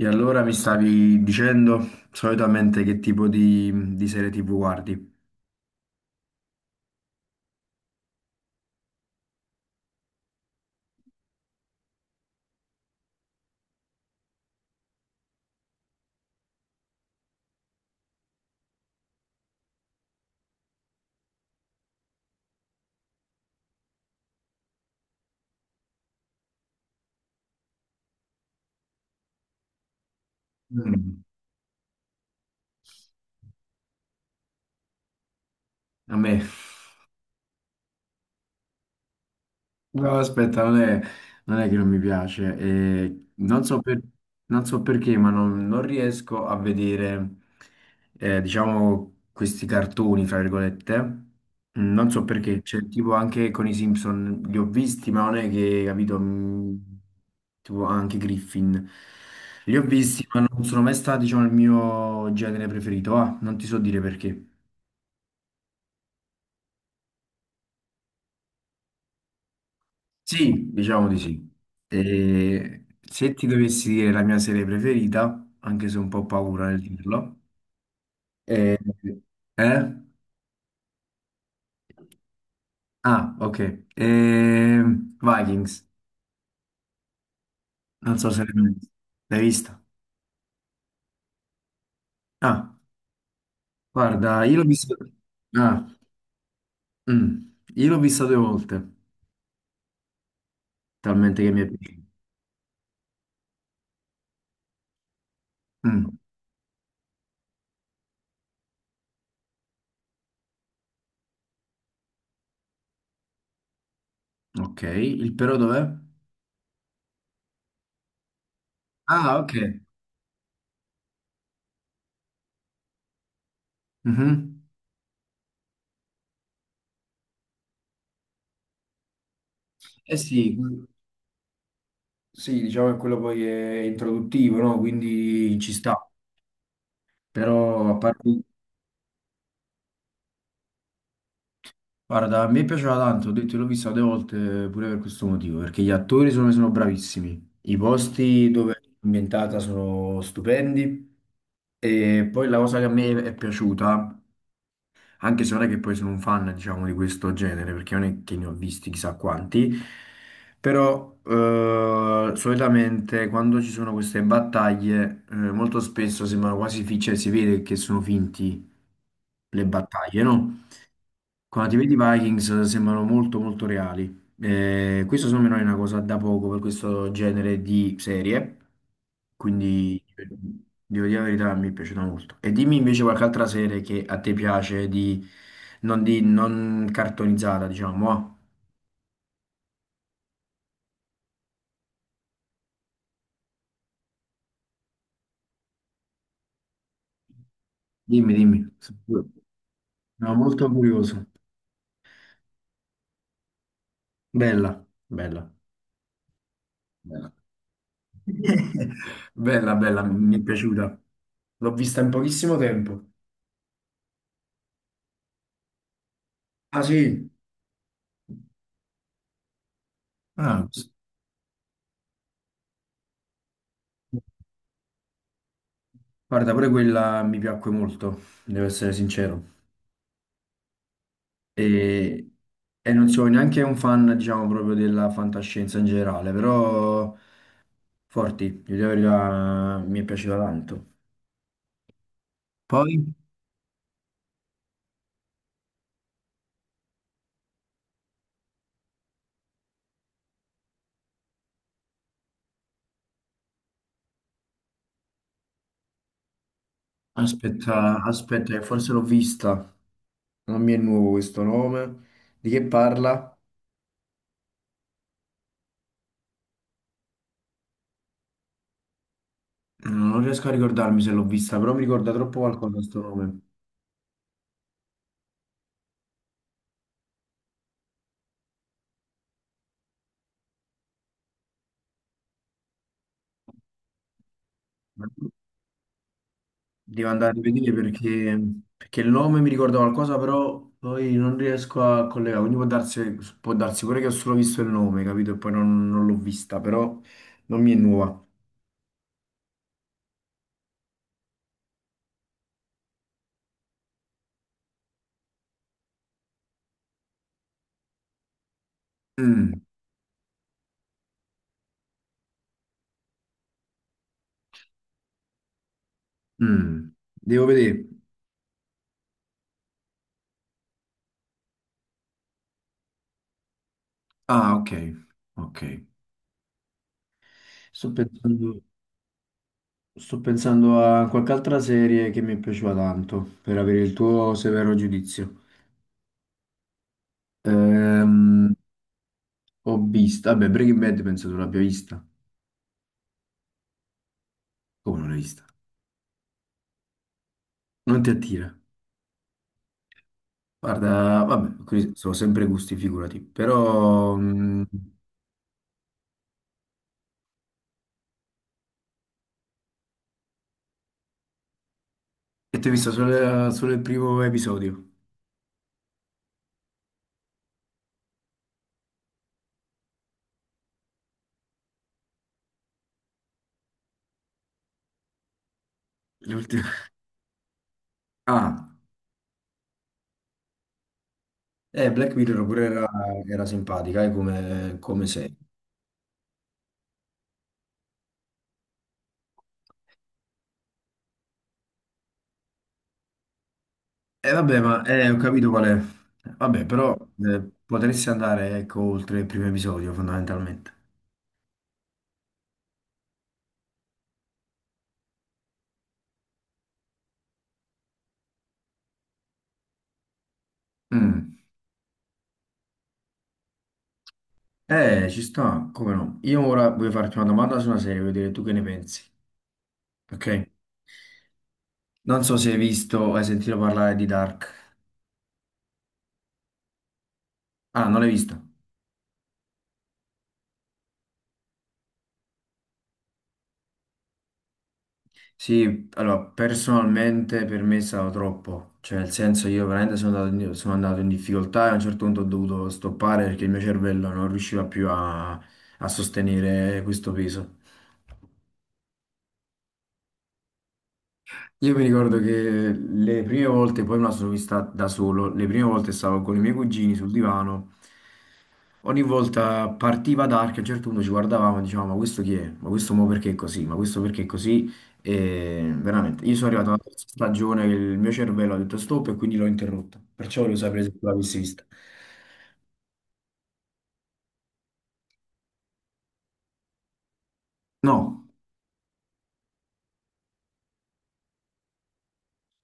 E allora mi stavi dicendo solitamente che tipo di serie TV guardi? Mm. Mm. A me. No, aspetta, non è, non è che non mi piace, non so perché, ma non riesco a vedere, diciamo, questi cartoni, fra virgolette. Mm. Non so perché, cioè, tipo anche con i Simpson li ho visti, ma non è che, capito, mm, tipo anche Griffin. Li ho visti, ma non sono mai stati, diciamo, il mio genere preferito. Ah, non ti so dire perché. Sì, diciamo di sì. E se ti dovessi dire la mia serie preferita, anche se ho un po' paura nel dirlo, eh, eh? Ah, ok. Vikings, non so se l'hai l'hai vista. Ah, guarda, io l'ho vista... Ah, mm. Io l'ho vista due volte, talmente che mi è piaciuta. Mm. Ok, il però dov'è? Ah, ok. Mhm. Eh sì, sì, diciamo che quello poi è introduttivo, no? Quindi ci sta. Però a parte... Guarda, a me piaceva tanto, ho detto, l'ho vista due volte pure per questo motivo, perché gli attori sono bravissimi, i posti dove è ambientata sono stupendi e poi la cosa che a me è piaciuta, anche se non è che poi sono un fan, diciamo, di questo genere, perché non è che ne ho visti chissà quanti, però solitamente quando ci sono queste battaglie, molto spesso sembrano quasi finti, cioè si vede che sono finti le battaglie, no? Quando ti vedi i Vikings sembrano molto molto reali. Questo secondo me non è una cosa da poco per questo genere di serie, quindi devo dire la verità, mi è piaciuta molto. E dimmi invece qualche altra serie che a te piace, di, non cartonizzata, diciamo. Ah. Dimmi, dimmi. No, molto curioso. Bella, bella, bella. Bella, bella, mi è piaciuta. L'ho vista in pochissimo tempo. Ah sì? Ah, guarda, pure quella mi piacque molto, devo essere sincero. E, e non sono neanche un fan, diciamo, proprio della fantascienza in generale, però forti, di dire la verità, mi è piaciuta tanto. Poi, aspetta, aspetta, che forse l'ho vista, non mi è nuovo questo nome. Di che parla? Non riesco a ricordarmi se l'ho vista, però mi ricorda troppo qualcosa questo nome. Devo andare a rivedere perché, perché il nome mi ricorda qualcosa, però poi non riesco a collegare. Quindi può darsi pure che ho solo visto il nome, capito? E poi non l'ho vista, però non mi è nuova. Mm, mm. Devo vedere. Ah, ok. Ok. Sto pensando, sto pensando a qualche altra serie che mi è piaciuta tanto, per avere il tuo severo giudizio. Ehm, ho visto, vabbè, Breaking Bad penso tu l'abbia vista. Come non l'hai vista? Non ti attira? Guarda, vabbè, qui sono sempre gusti, figurati, però... Mh, e ti ho visto solo il primo episodio, l'ultimo. Ah, Black Mirror pure era, era simpatica, come, come sei. E vabbè, ma ho capito qual è. Vabbè, però potresti andare, ecco, oltre il primo episodio, fondamentalmente. Mm. Ci sta, come no. Io ora voglio farti una domanda su una serie, voglio vedere tu che ne pensi, ok? Non so se hai visto o hai sentito parlare di Dark. Ah, non l'hai visto? Sì, allora personalmente per me è stato troppo, cioè nel senso io veramente sono andato in difficoltà e a un certo punto ho dovuto stoppare perché il mio cervello non riusciva più a sostenere questo peso. Io mi ricordo che le prime volte, poi me la sono vista da solo, le prime volte stavo con i miei cugini sul divano, ogni volta partiva Dark, a un certo punto ci guardavamo e dicevamo ma questo chi è? Ma questo mo perché è così? Ma questo perché è così? E veramente, io sono arrivato alla terza stagione che il mio cervello ha detto stop e quindi l'ho interrotta, perciò volevo sapere se tu l'avessi vista. No,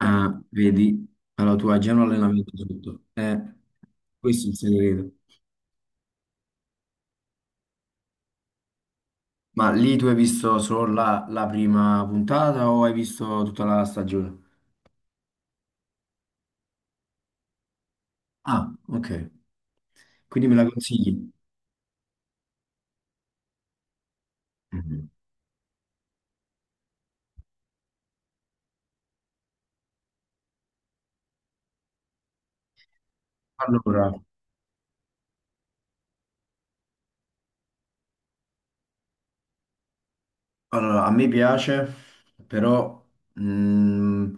ah, vedi, allora tu hai già un allenamento sotto, questo è il segreto. Ma lì tu hai visto solo la prima puntata o hai visto tutta la stagione? Ah, ok. Quindi me la consigli? Mhm. Allora, allora, a me piace, però mm,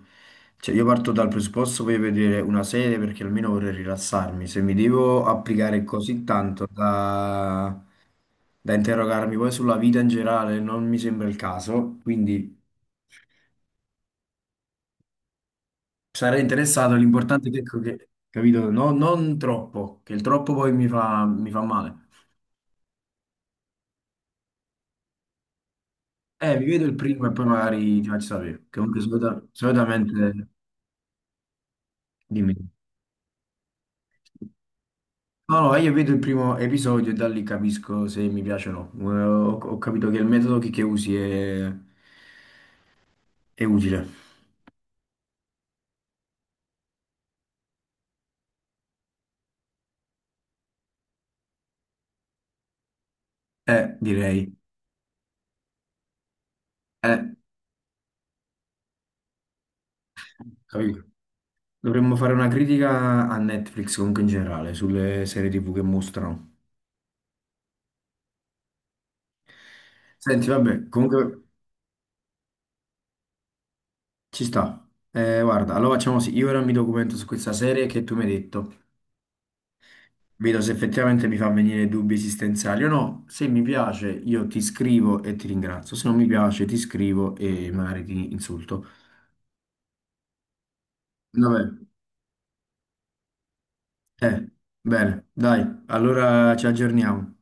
cioè io parto dal presupposto, voglio vedere una serie perché almeno vorrei rilassarmi. Se mi devo applicare così tanto da, da interrogarmi poi sulla vita in generale, non mi sembra il caso, quindi... Sarei interessato, l'importante è che, ecco capito, non troppo, che il troppo poi mi fa male. Vi vedo il primo e poi magari ti faccio sapere, che comunque solitamente dimmi. No, no, io vedo il primo episodio e da lì capisco se mi piace o no. Ho capito che il metodo che usi è utile. Direi. Eh, capito. Dovremmo fare una critica a Netflix comunque in generale, sulle serie TV che mostrano. Senti, vabbè, comunque ci sta. Guarda, allora facciamo così. Io ora mi documento su questa serie che tu mi hai detto. Vedo se effettivamente mi fa venire dubbi esistenziali o no. Se mi piace, io ti scrivo e ti ringrazio. Se non mi piace, ti scrivo e magari ti insulto. Vabbè. Eh, bene, dai, allora ci aggiorniamo.